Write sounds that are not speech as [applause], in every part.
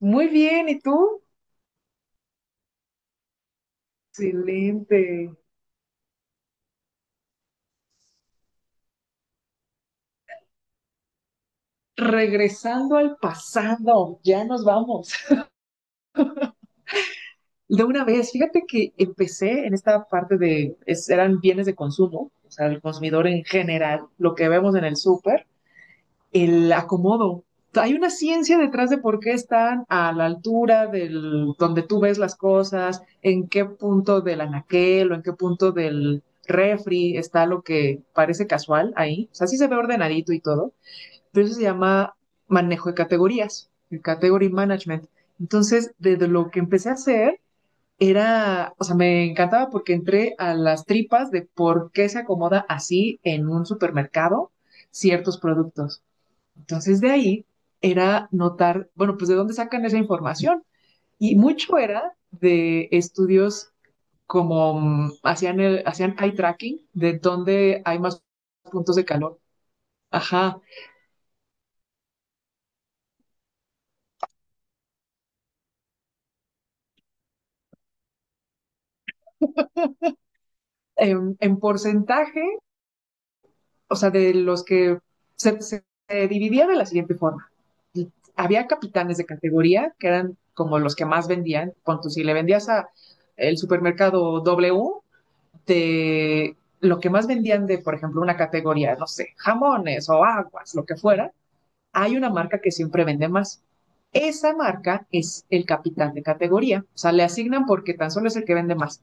Muy bien, ¿y tú? Excelente. Regresando al pasado, ya nos vamos. [laughs] De una vez, fíjate que empecé en esta parte de, eran bienes de consumo, o sea, el consumidor en general, lo que vemos en el súper, el acomodo. Hay una ciencia detrás de por qué están a la altura del, donde tú ves las cosas, en qué punto del anaquel o en qué punto del refri está lo que parece casual ahí. O sea, sí se ve ordenadito y todo, pero eso se llama manejo de categorías, el category management. Entonces, desde lo que empecé a hacer, era, o sea, me encantaba porque entré a las tripas de por qué se acomoda así en un supermercado ciertos productos. Entonces, de ahí era notar, bueno, pues de dónde sacan esa información. Y mucho era de estudios como hacían, el, hacían eye tracking, de dónde hay más puntos de calor. Ajá. En porcentaje, o sea, de los que se dividía de la siguiente forma. Había capitanes de categoría que eran como los que más vendían. Ponto, si le vendías a el supermercado W, de lo que más vendían de, por ejemplo, una categoría, no sé, jamones o aguas, lo que fuera, hay una marca que siempre vende más. Esa marca es el capitán de categoría. O sea, le asignan porque tan solo es el que vende más.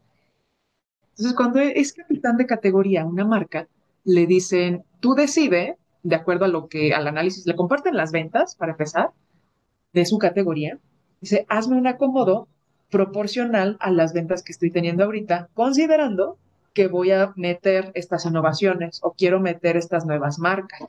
Entonces, cuando es capitán de categoría, una marca, le dicen, tú decide, de acuerdo a lo que, al análisis, le comparten las ventas, para empezar, de su categoría. Dice, hazme un acomodo proporcional a las ventas que estoy teniendo ahorita, considerando que voy a meter estas innovaciones o quiero meter estas nuevas marcas.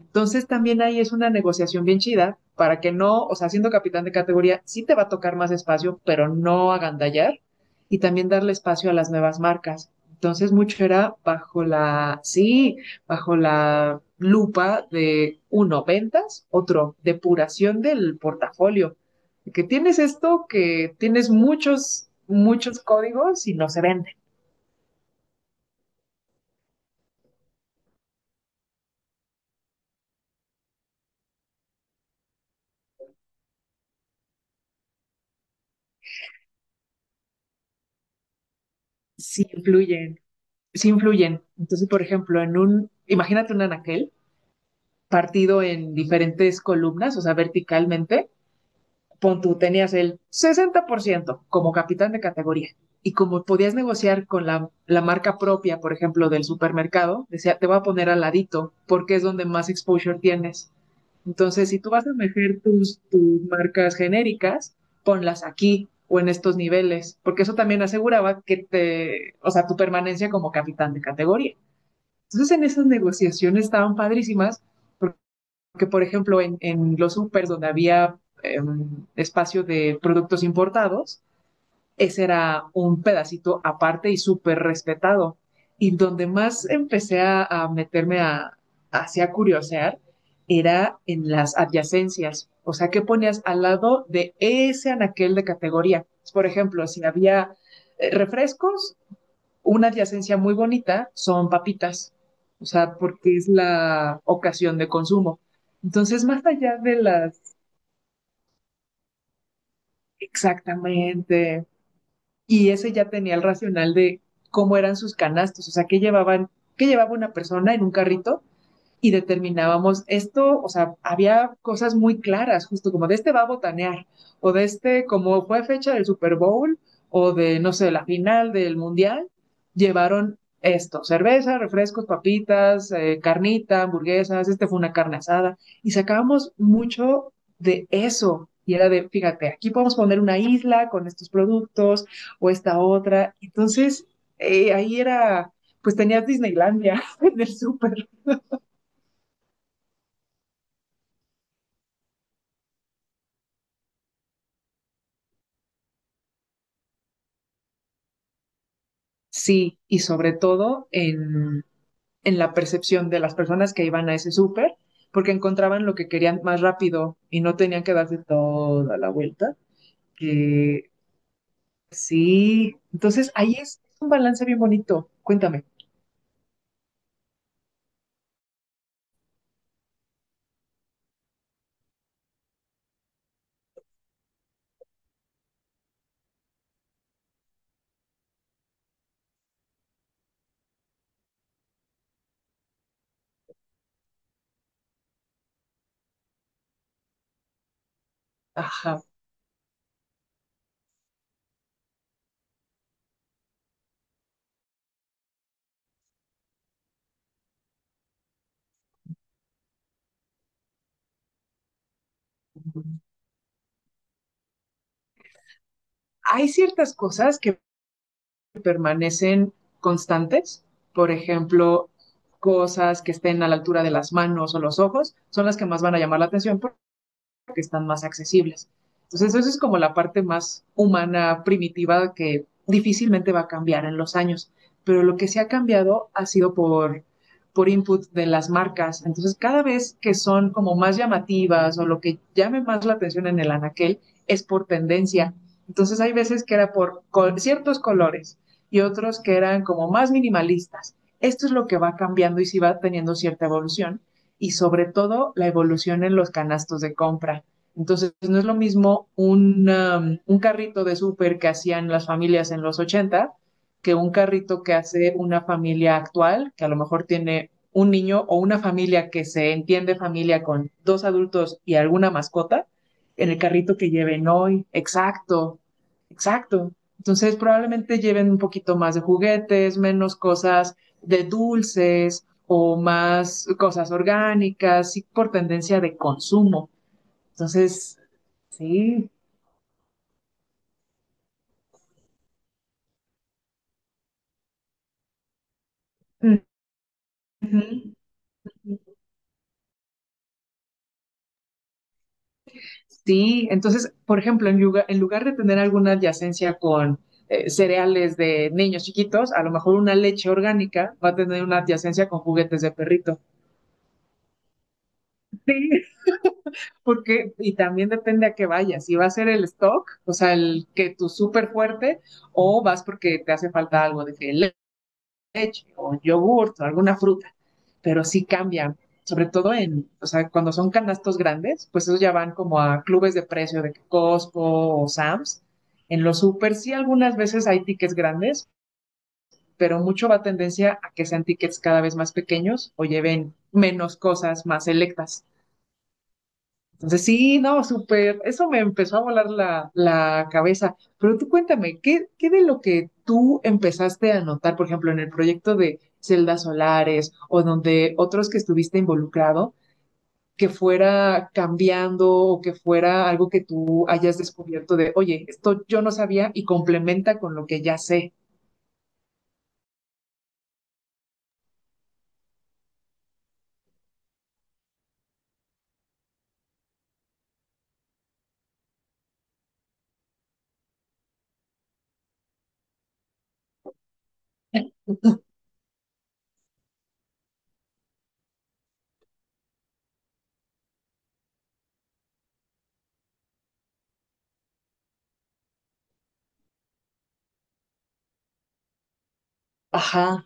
Entonces también ahí es una negociación bien chida para que no, o sea, siendo capitán de categoría, sí te va a tocar más espacio, pero no agandallar y también darle espacio a las nuevas marcas. Entonces mucho era bajo la, sí, bajo la lupa de uno, ventas, otro, depuración del portafolio. Que tienes esto, que tienes muchos códigos y no se venden, sí influyen, sí influyen. Entonces, por ejemplo, en un, imagínate un anaquel, partido en diferentes columnas, o sea, verticalmente, pon tú tenías el 60% como capitán de categoría. Y como podías negociar con la marca propia, por ejemplo, del supermercado, decía, te voy a poner al ladito porque es donde más exposure tienes. Entonces, si tú vas a meter tus marcas genéricas, ponlas aquí o en estos niveles, porque eso también aseguraba que te, o sea, tu permanencia como capitán de categoría. Entonces, en esas negociaciones estaban padrísimas, porque, por ejemplo, en los supers donde había eh, espacio de productos importados, ese era un pedacito aparte y súper respetado. Y donde más empecé a meterme a, hacia curiosear era en las adyacencias. O sea, ¿qué ponías al lado de ese anaquel de categoría? Por ejemplo, si había refrescos, una adyacencia muy bonita son papitas, o sea, porque es la ocasión de consumo. Entonces, más allá de las, exactamente, y ese ya tenía el racional de cómo eran sus canastos, o sea, qué llevaban, qué llevaba una persona en un carrito, y determinábamos esto, o sea, había cosas muy claras, justo como de este va a botanear, o de este, como fue fecha del Super Bowl, o de, no sé, la final del Mundial, llevaron esto, cerveza, refrescos, papitas, carnita, hamburguesas, este fue una carne asada, y sacábamos mucho de eso, y era de, fíjate, aquí podemos poner una isla con estos productos, o esta otra, entonces, ahí era, pues tenías Disneylandia [laughs] en el súper. Sí, y sobre todo en la percepción de las personas que iban a ese súper, porque encontraban lo que querían más rápido y no tenían que darse toda la vuelta. Que sí, entonces ahí es un balance bien bonito. Cuéntame. Ajá. Hay ciertas cosas que permanecen constantes, por ejemplo, cosas que estén a la altura de las manos o los ojos, son las que más van a llamar la atención, que están más accesibles. Entonces, eso es como la parte más humana, primitiva, que difícilmente va a cambiar en los años. Pero lo que se ha cambiado ha sido por input de las marcas. Entonces, cada vez que son como más llamativas o lo que llame más la atención en el anaquel es por tendencia. Entonces, hay veces que era por col ciertos colores y otros que eran como más minimalistas. Esto es lo que va cambiando y si sí va teniendo cierta evolución, y sobre todo la evolución en los canastos de compra. Entonces, no es lo mismo un, un carrito de súper que hacían las familias en los ochenta, que un carrito que hace una familia actual, que a lo mejor tiene un niño o una familia que se entiende familia con dos adultos y alguna mascota, en el carrito que lleven hoy. Exacto, exacto. Entonces, probablemente lleven un poquito más de juguetes, menos cosas de dulces o más cosas orgánicas, sí, por tendencia de consumo. Entonces, sí. Ujú. Sí, entonces, por ejemplo, en lugar de tener alguna adyacencia con cereales de niños chiquitos, a lo mejor una leche orgánica va a tener una adyacencia con juguetes de perrito. Sí, porque, y también depende a qué vayas, si va a ser el stock, o sea, el que tú súper fuerte, o vas porque te hace falta algo de que leche o yogurt o alguna fruta, pero sí cambian, sobre todo en, o sea, cuando son canastos grandes, pues esos ya van como a clubes de precio de Costco o Sam's. En los super sí algunas veces hay tickets grandes, pero mucho va tendencia a que sean tickets cada vez más pequeños o lleven menos cosas más selectas. Entonces, sí, no, súper. Eso me empezó a volar la, la cabeza. Pero tú cuéntame, ¿qué, qué de lo que tú empezaste a notar, por ejemplo, en el proyecto de celdas solares o donde otros que estuviste involucrado, que fuera cambiando o que fuera algo que tú hayas descubierto de, oye, esto yo no sabía y complementa con lo que ya sé? [laughs] Ajá,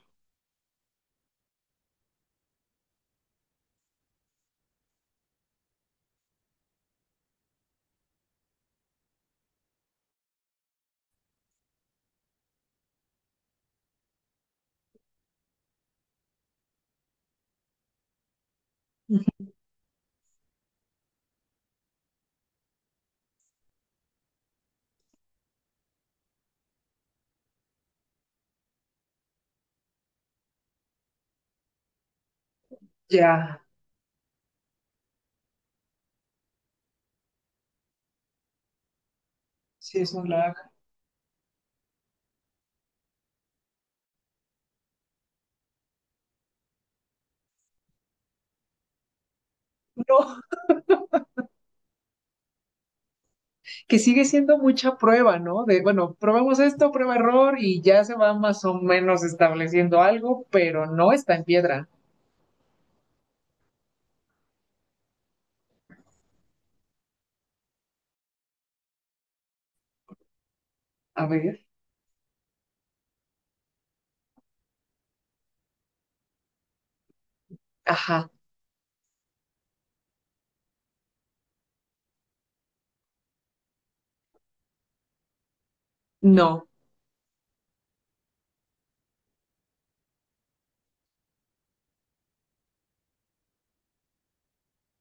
ya. Sí, es un lag. No, que sigue siendo mucha prueba, ¿no? De, bueno, probamos esto, prueba error y ya se va más o menos estableciendo algo, pero no está en piedra. A ver, ajá, no,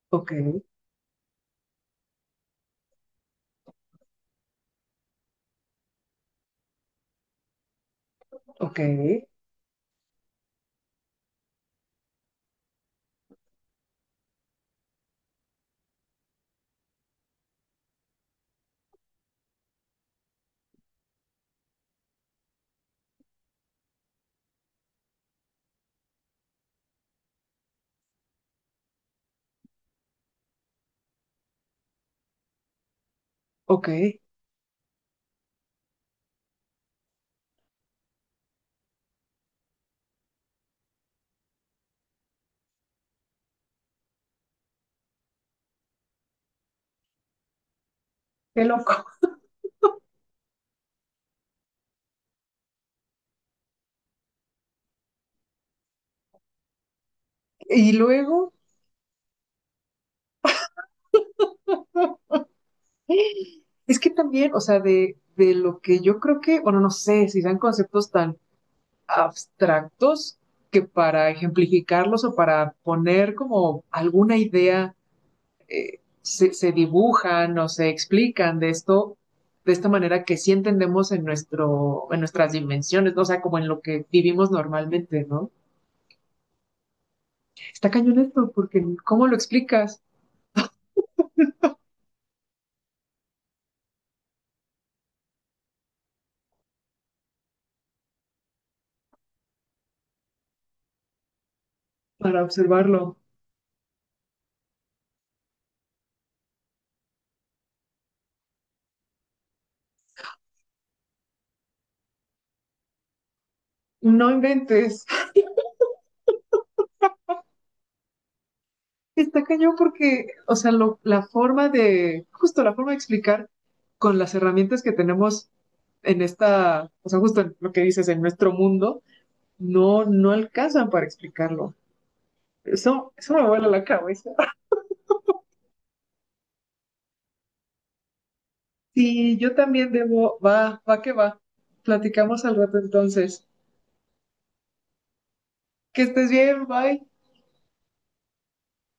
ok, ok, ok, qué loco. Y luego, es que también, o sea, de lo que yo creo que, bueno, no sé si sean conceptos tan abstractos que para ejemplificarlos o para poner como alguna idea se dibujan o se explican de esto, de esta manera que sí entendemos en, nuestro, en nuestras dimensiones, ¿no? O sea, como en lo que vivimos normalmente, ¿no? Está cañón esto, porque ¿cómo lo explicas para observarlo? No inventes. Está cañón porque, o sea, lo, la forma de, justo la forma de explicar con las herramientas que tenemos en esta, o sea, justo en lo que dices, en nuestro mundo, no, no alcanzan para explicarlo. Eso me vuela la cabeza. Sí, yo también debo. Va, va que va. Platicamos al rato entonces. Que estés bien, bye.